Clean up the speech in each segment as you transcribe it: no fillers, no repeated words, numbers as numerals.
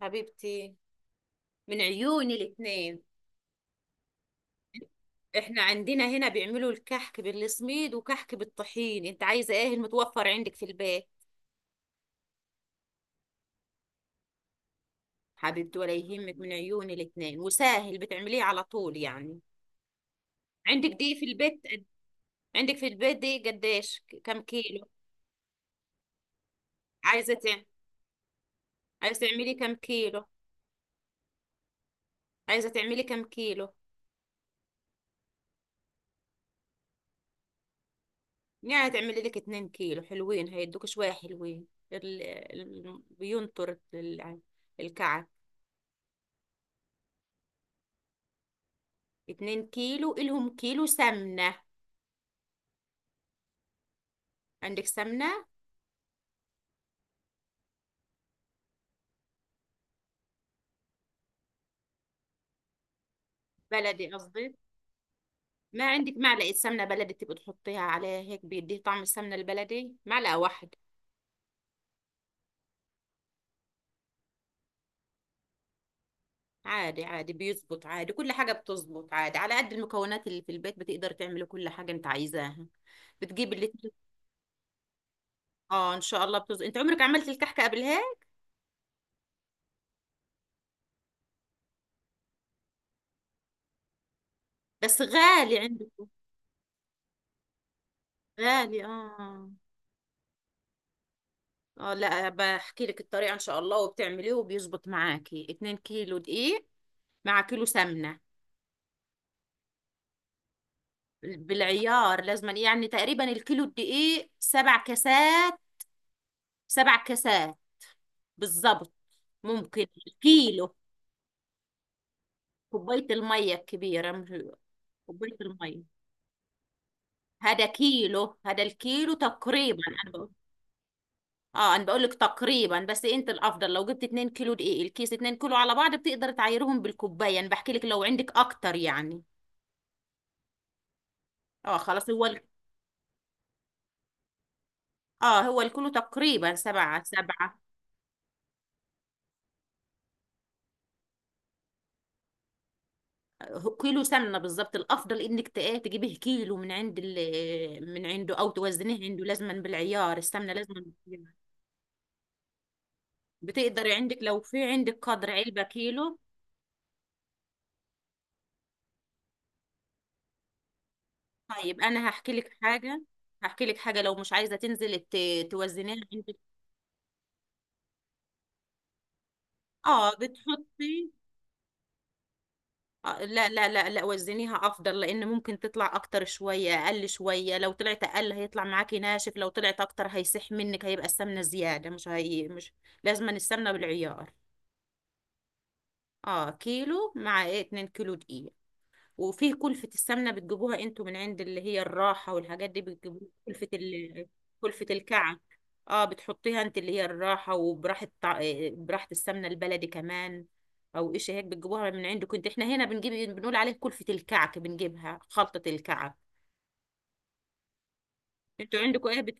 حبيبتي، من عيوني الاتنين. احنا عندنا هنا بيعملوا الكحك بالسميد وكحك بالطحين. انت عايزه ايه؟ المتوفر عندك في البيت؟ حبيبتي ولا يهمك، من عيوني الاتنين. وسهل بتعمليه على طول يعني. عندك دي في البيت؟ عندك في البيت دي قديش كم كيلو؟ عايزه تعملي، عايزه تعملي كم كيلو؟ عايزه تعملي كم كيلو؟ يعني تعملي لك اتنين كيلو حلوين، هيدوك شويه حلوين. ال... ال... بينطر ال- الكعك. اتنين كيلو إلهم كيلو سمنة. عندك سمنة؟ بلدي قصدي. ما عندك معلقة سمنة بلدي تبقى تحطيها عليها هيك بيديه طعم السمنة البلدي، معلقة واحدة. عادي عادي، بيزبط عادي، كل حاجة بتزبط عادي. على قد المكونات اللي في البيت بتقدر تعملي كل حاجة انت عايزاها. بتجيب اللي تل- اه ان شاء الله بتزبط. انت عمرك عملت الكحكة قبلها؟ بس غالي عندكم؟ غالي اه. اه، لا بحكي لك الطريقة ان شاء الله وبتعمليه وبيزبط معاكي. اتنين كيلو دقيق مع كيلو سمنة. بالعيار لازما يعني. تقريبا الكيلو الدقيق سبع كاسات، سبع كاسات بالظبط. ممكن كيلو. كوباية المية الكبيرة، مش كوباية المية. هذا كيلو، هذا الكيلو تقريبا. انا بقول، اه انا بقول لك تقريبا، بس انت الافضل لو جبت 2 كيلو دقيق، الكيس 2 كيلو على بعض، بتقدر تعايرهم بالكوبايه. انا بحكي لك لو عندك اكتر يعني. اه خلاص. اه هو الكيلو تقريبا سبعة سبعة. كيلو سمنه بالظبط. الافضل انك تجيبيه كيلو من عند من عنده، او توزنيه عنده. لازما بالعيار السمنه، لازما بالعيار. بتقدري عندك لو في عندك قدر علبه كيلو. طيب انا هحكي لك حاجه. هحكي لك حاجه، لو مش عايزه تنزلي توزنيها عندك. اه بتحطي، لا وزنيها افضل، لان ممكن تطلع اكتر شويه، اقل شويه. لو طلعت اقل هيطلع معاكي ناشف، لو طلعت اكتر هيسح منك، هيبقى السمنه زياده، مش هي مش لازما. السمنه بالعيار. اه كيلو مع ايه، 2 كيلو دقيق. وفيه كلفة السمنة بتجيبوها انتوا من عند اللي هي الراحة والحاجات دي بتجيبوها كلفة كلفة الكعك. اه بتحطيها انت اللي هي الراحة، وبراحة طع... آه، براحة السمنة البلدي كمان، او ايش هيك بتجيبوها من عندكم. انت احنا هنا بنجيب، بنقول عليه كلفة الكعك، بنجيبها خلطة الكعك. انتوا عندكم ايه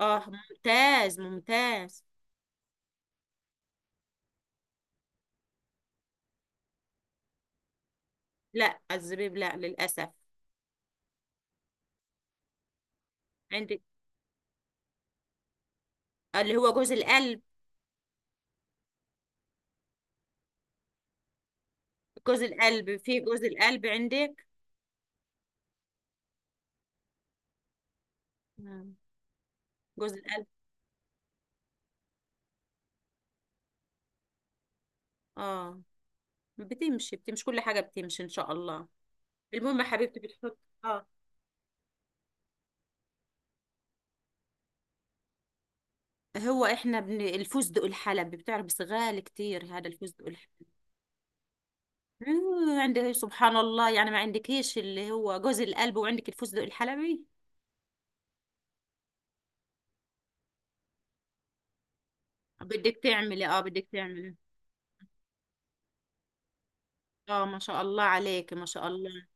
اه ممتاز ممتاز. لا الزبيب لا للأسف. عندك اللي هو جوز القلب؟ جوز القلب، في جوز القلب عندك؟ جوز القلب. اه بتمشي بتمشي، كل حاجة بتمشي ان شاء الله. المهم يا حبيبتي بتحط. اه، الفستق الحلبي بتعرف؟ بس غالي كتير هذا الفستق الحلبي. آه، عندك إيه، سبحان الله يعني، ما عندكيش اللي هو جوز القلب وعندك الفستق الحلبي؟ بدك تعملي، اه بدك تعملي. اه ما شاء الله عليك، ما شاء الله.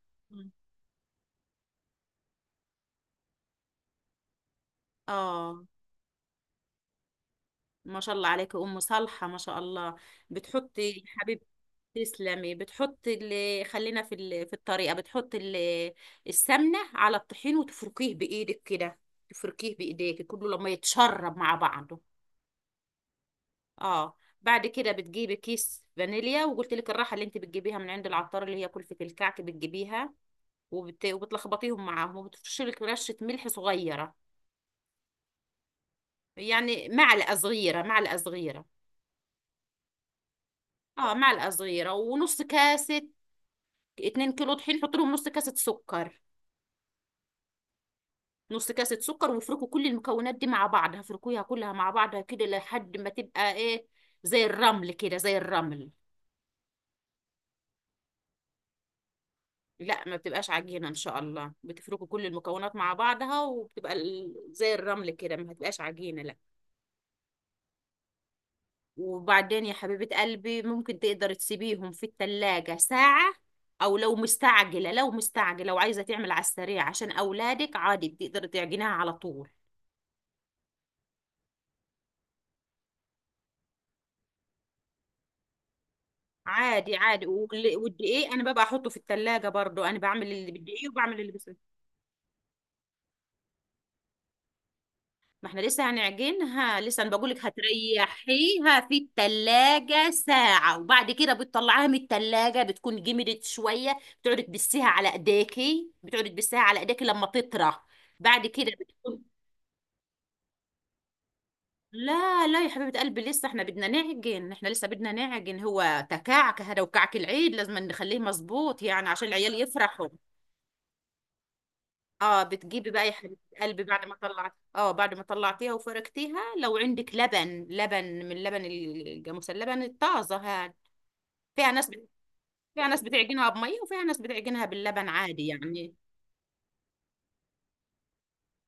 اه ما شاء الله عليك ام صالحة، ما شاء الله. بتحطي يا حبيبتي، تسلمي. بتحط اللي خلينا في الطريقة، بتحط السمنة على الطحين وتفركيه بإيدك كده. تفركيه بإيديك كله لما يتشرب مع بعضه. اه بعد كده بتجيبي كيس فانيليا، وقلت لك الراحة اللي انت بتجيبيها من عند العطار اللي هي كلفة الكعك بتجيبيها وبتلخبطيهم معاهم، وبتفرشي لك رشة ملح صغيرة. يعني معلقة صغيرة، معلقة صغيرة. اه معلقة صغيرة، ونص كاسة. 2 كيلو طحين حط لهم نص كاسة سكر، نص كاسة سكر، وافركوا كل المكونات دي مع بعض. هفركوها كلها مع بعضها كده لحد ما تبقى ايه، زي الرمل كده، زي الرمل. لا ما بتبقاش عجينة ان شاء الله. بتفركوا كل المكونات مع بعضها، وبتبقى زي الرمل كده. ما هتبقاش عجينة لا. وبعدين يا حبيبة قلبي ممكن تقدر تسيبيهم في التلاجة ساعة، او لو مستعجلة، لو مستعجلة وعايزة تعمل على السريع عشان اولادك، عادي بتقدر تعجنها على طول. عادي عادي. والدقيق انا ببقى احطه في التلاجة برضو. انا بعمل اللي بالدقيق وبعمل اللي بس. ما احنا لسه هنعجنها. لسه انا بقولك هتريحيها في التلاجة ساعة، وبعد كده بتطلعيها من التلاجة بتكون جمدت شوية، بتقعدي تبسيها على ايديكي، بتقعدي تبسيها على ايديكي لما تطرى. بعد كده بتكون، لا لا يا حبيبة قلبي، لسه احنا بدنا نعجن، احنا لسه بدنا نعجن. هو تكعك هذا وكعك العيد، لازم نخليه مظبوط يعني، عشان العيال يفرحوا. اه بتجيبي بقى يا حبيبه قلبي بعد ما طلعت، اه بعد ما طلعتيها وفركتيها، لو عندك لبن، لبن من اللبن الجاموس، اللبن الطازه هاد. فيها ناس بت... فيها ناس بتعجنها بميه، وفيها ناس بتعجنها باللبن عادي يعني.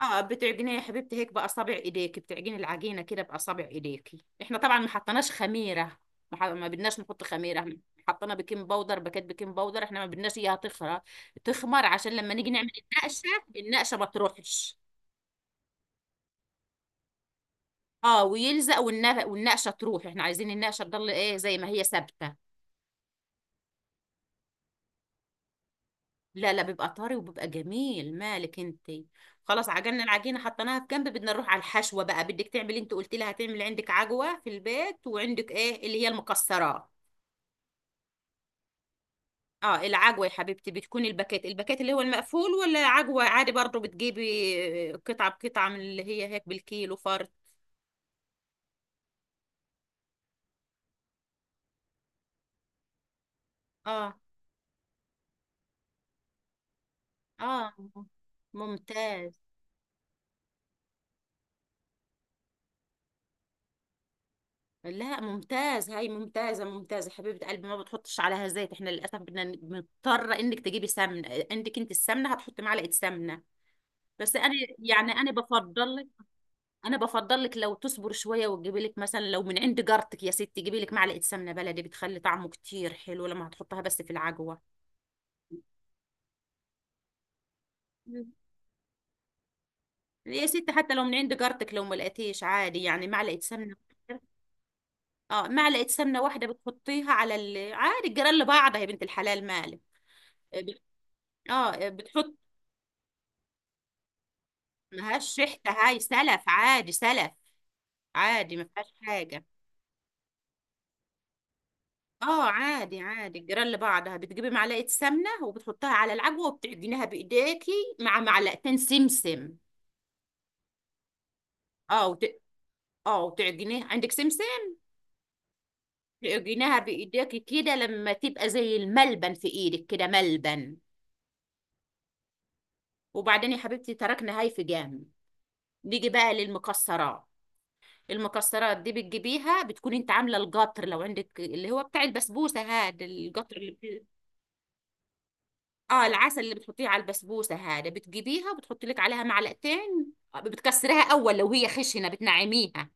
اه بتعجنيها يا حبيبتي هيك باصابع ايديك، بتعجني العجينه كده باصابع ايديكي. احنا طبعا ما حطيناش خميره. ما بدناش نحط خميره احنا. حطينا بيكنج باودر، باكيت بيكنج باودر. احنا ما بدناش اياها تخمر، عشان لما نيجي نعمل النقشه، النقشه ما تروحش. اه ويلزق، والنقشه تروح، احنا عايزين النقشه تضل ايه، زي ما هي ثابته. لا لا، بيبقى طري وبيبقى جميل، مالك انت. خلاص عجننا العجينه، حطيناها في جنب، بدنا نروح على الحشوه بقى. بدك تعملي انت قلت لي هتعمل، عندك عجوه في البيت، وعندك ايه اللي هي المكسرات. اه العجوه يا حبيبتي بتكون الباكيت، الباكيت اللي هو المقفول، ولا عجوه عادي برضو بتجيبي قطعه بقطعه من اللي هي هيك بالكيلو فرد. اه اه ممتاز. لا ممتاز، هاي ممتازة ممتازة حبيبة قلبي. ما بتحطش عليها زيت، احنا للأسف بدنا مضطرة انك تجيبي سمنة. عندك انت السمنة؟ هتحطي معلقة سمنة، بس انا يعني انا بفضل لك. انا بفضل لك لو تصبر شوية وتجيبي لك مثلا لو من عند جارتك. يا ستي جيبي لك معلقة سمنة بلدي، بتخلي طعمه كتير حلو لما هتحطها بس في العجوة. مم. يا ستي حتى لو من عند جارتك، لو ما لقيتيش عادي يعني، معلقة سمنة. اه معلقة سمنة واحدة بتحطيها على عادي، الجيران لبعضها يا بنت الحلال، مالك. اه بتحط. ملهاش ريحة هاي، سلف عادي، سلف عادي، ما فيهاش حاجة. اه عادي عادي، جيران لبعضها، بتجيبي معلقة سمنة وبتحطها على العجوة وبتعجنيها بإيديكي مع معلقتين سمسم. اه وت... اه وتعجنيها، عندك سمسم؟ تعجنيها بإيديكي كده لما تبقى زي الملبن في إيدك كده، ملبن. وبعدين يا حبيبتي تركنا هاي في جنب، نيجي بقى للمكسرات. المكسرات دي بتجيبيها، بتكون انت عامله القطر، لو عندك اللي هو بتاع البسبوسه، هذا القطر اللي، اه العسل اللي بتحطيه على البسبوسه هذا بتجيبيها وبتحطي لك عليها معلقتين. آه، بتكسريها اول، لو هي خشنه بتنعميها.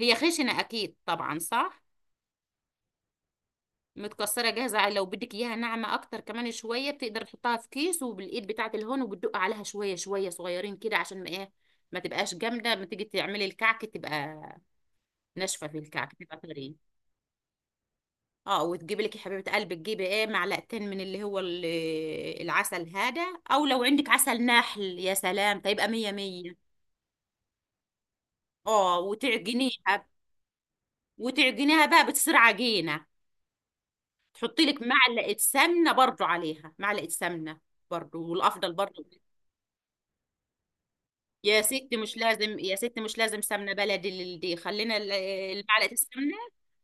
هي خشنه اكيد طبعا صح. متكسره جاهزه. لو بدك اياها ناعمه اكتر كمان شويه بتقدر تحطها في كيس وبالايد بتاعه الهون وبتدق عليها شويه شويه، صغيرين كده عشان ما ايه، ما تبقاش جامده، ما تيجي تعملي الكعك تبقى ناشفه. في الكعك تبقى طريه. اه وتجيبي لك يا حبيبه قلبي، تجيبي ايه، معلقتين من اللي هو العسل هذا. او لو عندك عسل نحل يا سلام، فيبقى مية مية. اه وتعجنيها. وتعجنيها بقى بتصير عجينه، تحطي لك معلقه سمنه برضو، عليها معلقه سمنه برضو، والافضل برضو. يا ستي مش لازم، يا ستي مش لازم سمنه بلدي المعلقه السمنه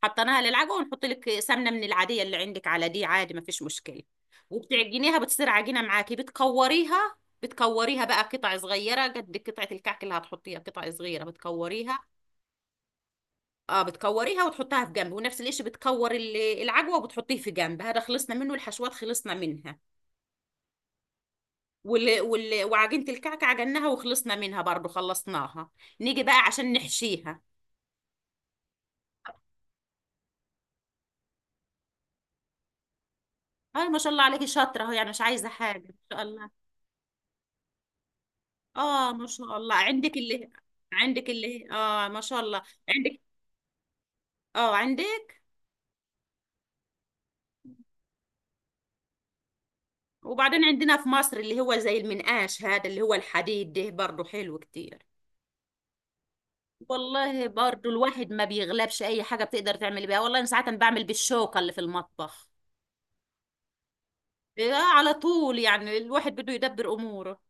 حطيناها للعجوه، ونحط لك سمنه من العاديه اللي عندك على دي، عادي ما فيش مشكله. وبتعجنيها بتصير عجينه معاكي، بتكوريها، بتكوريها بقى قطع صغيره قد قطعه الكعك اللي هتحطيها، قطع صغيره بتكوريها. اه بتكوريها وتحطها في جنب، ونفس الشيء بتكور العجوه وبتحطيه في جنب. هذا خلصنا منه، الحشوات خلصنا منها. وعجينه الكعكه عجناها وخلصنا منها برضو، خلصناها. نيجي بقى عشان نحشيها. اه ما شاء الله عليكي شاطره اهو، يعني مش عايزه حاجه ما شاء الله. اه ما شاء الله عندك اللي، عندك اللي، اه ما شاء الله. عندك؟ اه عندك. وبعدين عندنا في مصر اللي هو زي المنقاش هذا اللي هو الحديد ده برضو حلو كتير. والله برضو الواحد ما بيغلبش، اي حاجه بتقدر تعمل بيها. والله انا ساعات بعمل بالشوكه اللي في المطبخ. إيه، على طول يعني، الواحد بده يدبر اموره.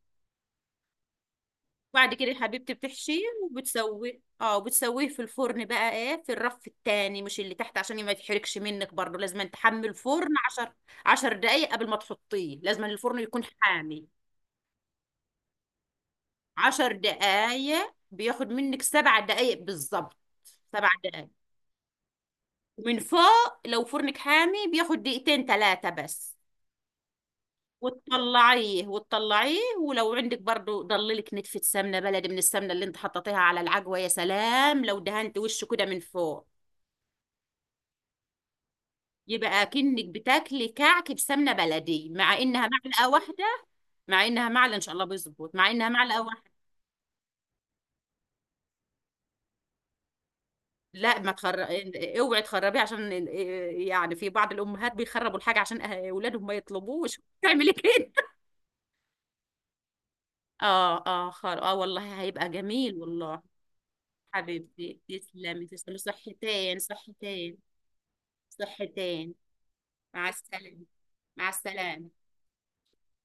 بعد كده حبيبتي بتحشيه وبتسويه، اه وبتسويه في الفرن بقى ايه في الرف التاني، مش اللي تحت عشان ما يتحرقش منك. برضو لازم أن تحمي الفرن عشر، عشر دقايق قبل ما تحطيه، لازم أن الفرن يكون حامي. عشر دقايق بياخد منك، سبع دقايق بالظبط، سبع دقايق. من فوق لو فرنك حامي بياخد دقيقتين ثلاثة بس. وتطلعيه، وتطلعيه ولو عندك برضو ضللك نتفة سمنة بلدي من السمنة اللي انت حطيتيها على العجوة، يا سلام لو دهنت وشه كده من فوق، يبقى كأنك بتاكلي كعك بسمنة بلدي، مع انها معلقة واحدة. مع انها معلقة ان شاء الله بيظبط، مع انها معلقة واحدة. لا ما تخر... اوعي تخربيه يعني في بعض الامهات بيخربوا الحاجة عشان أه، اولادهم ما يطلبوش تعملي كده. اه اه خار، اه والله هيبقى جميل والله. حبيبتي تسلمي، تسلمي، صحتين صحتين، صحتين. مع السلامة. مع السلامة.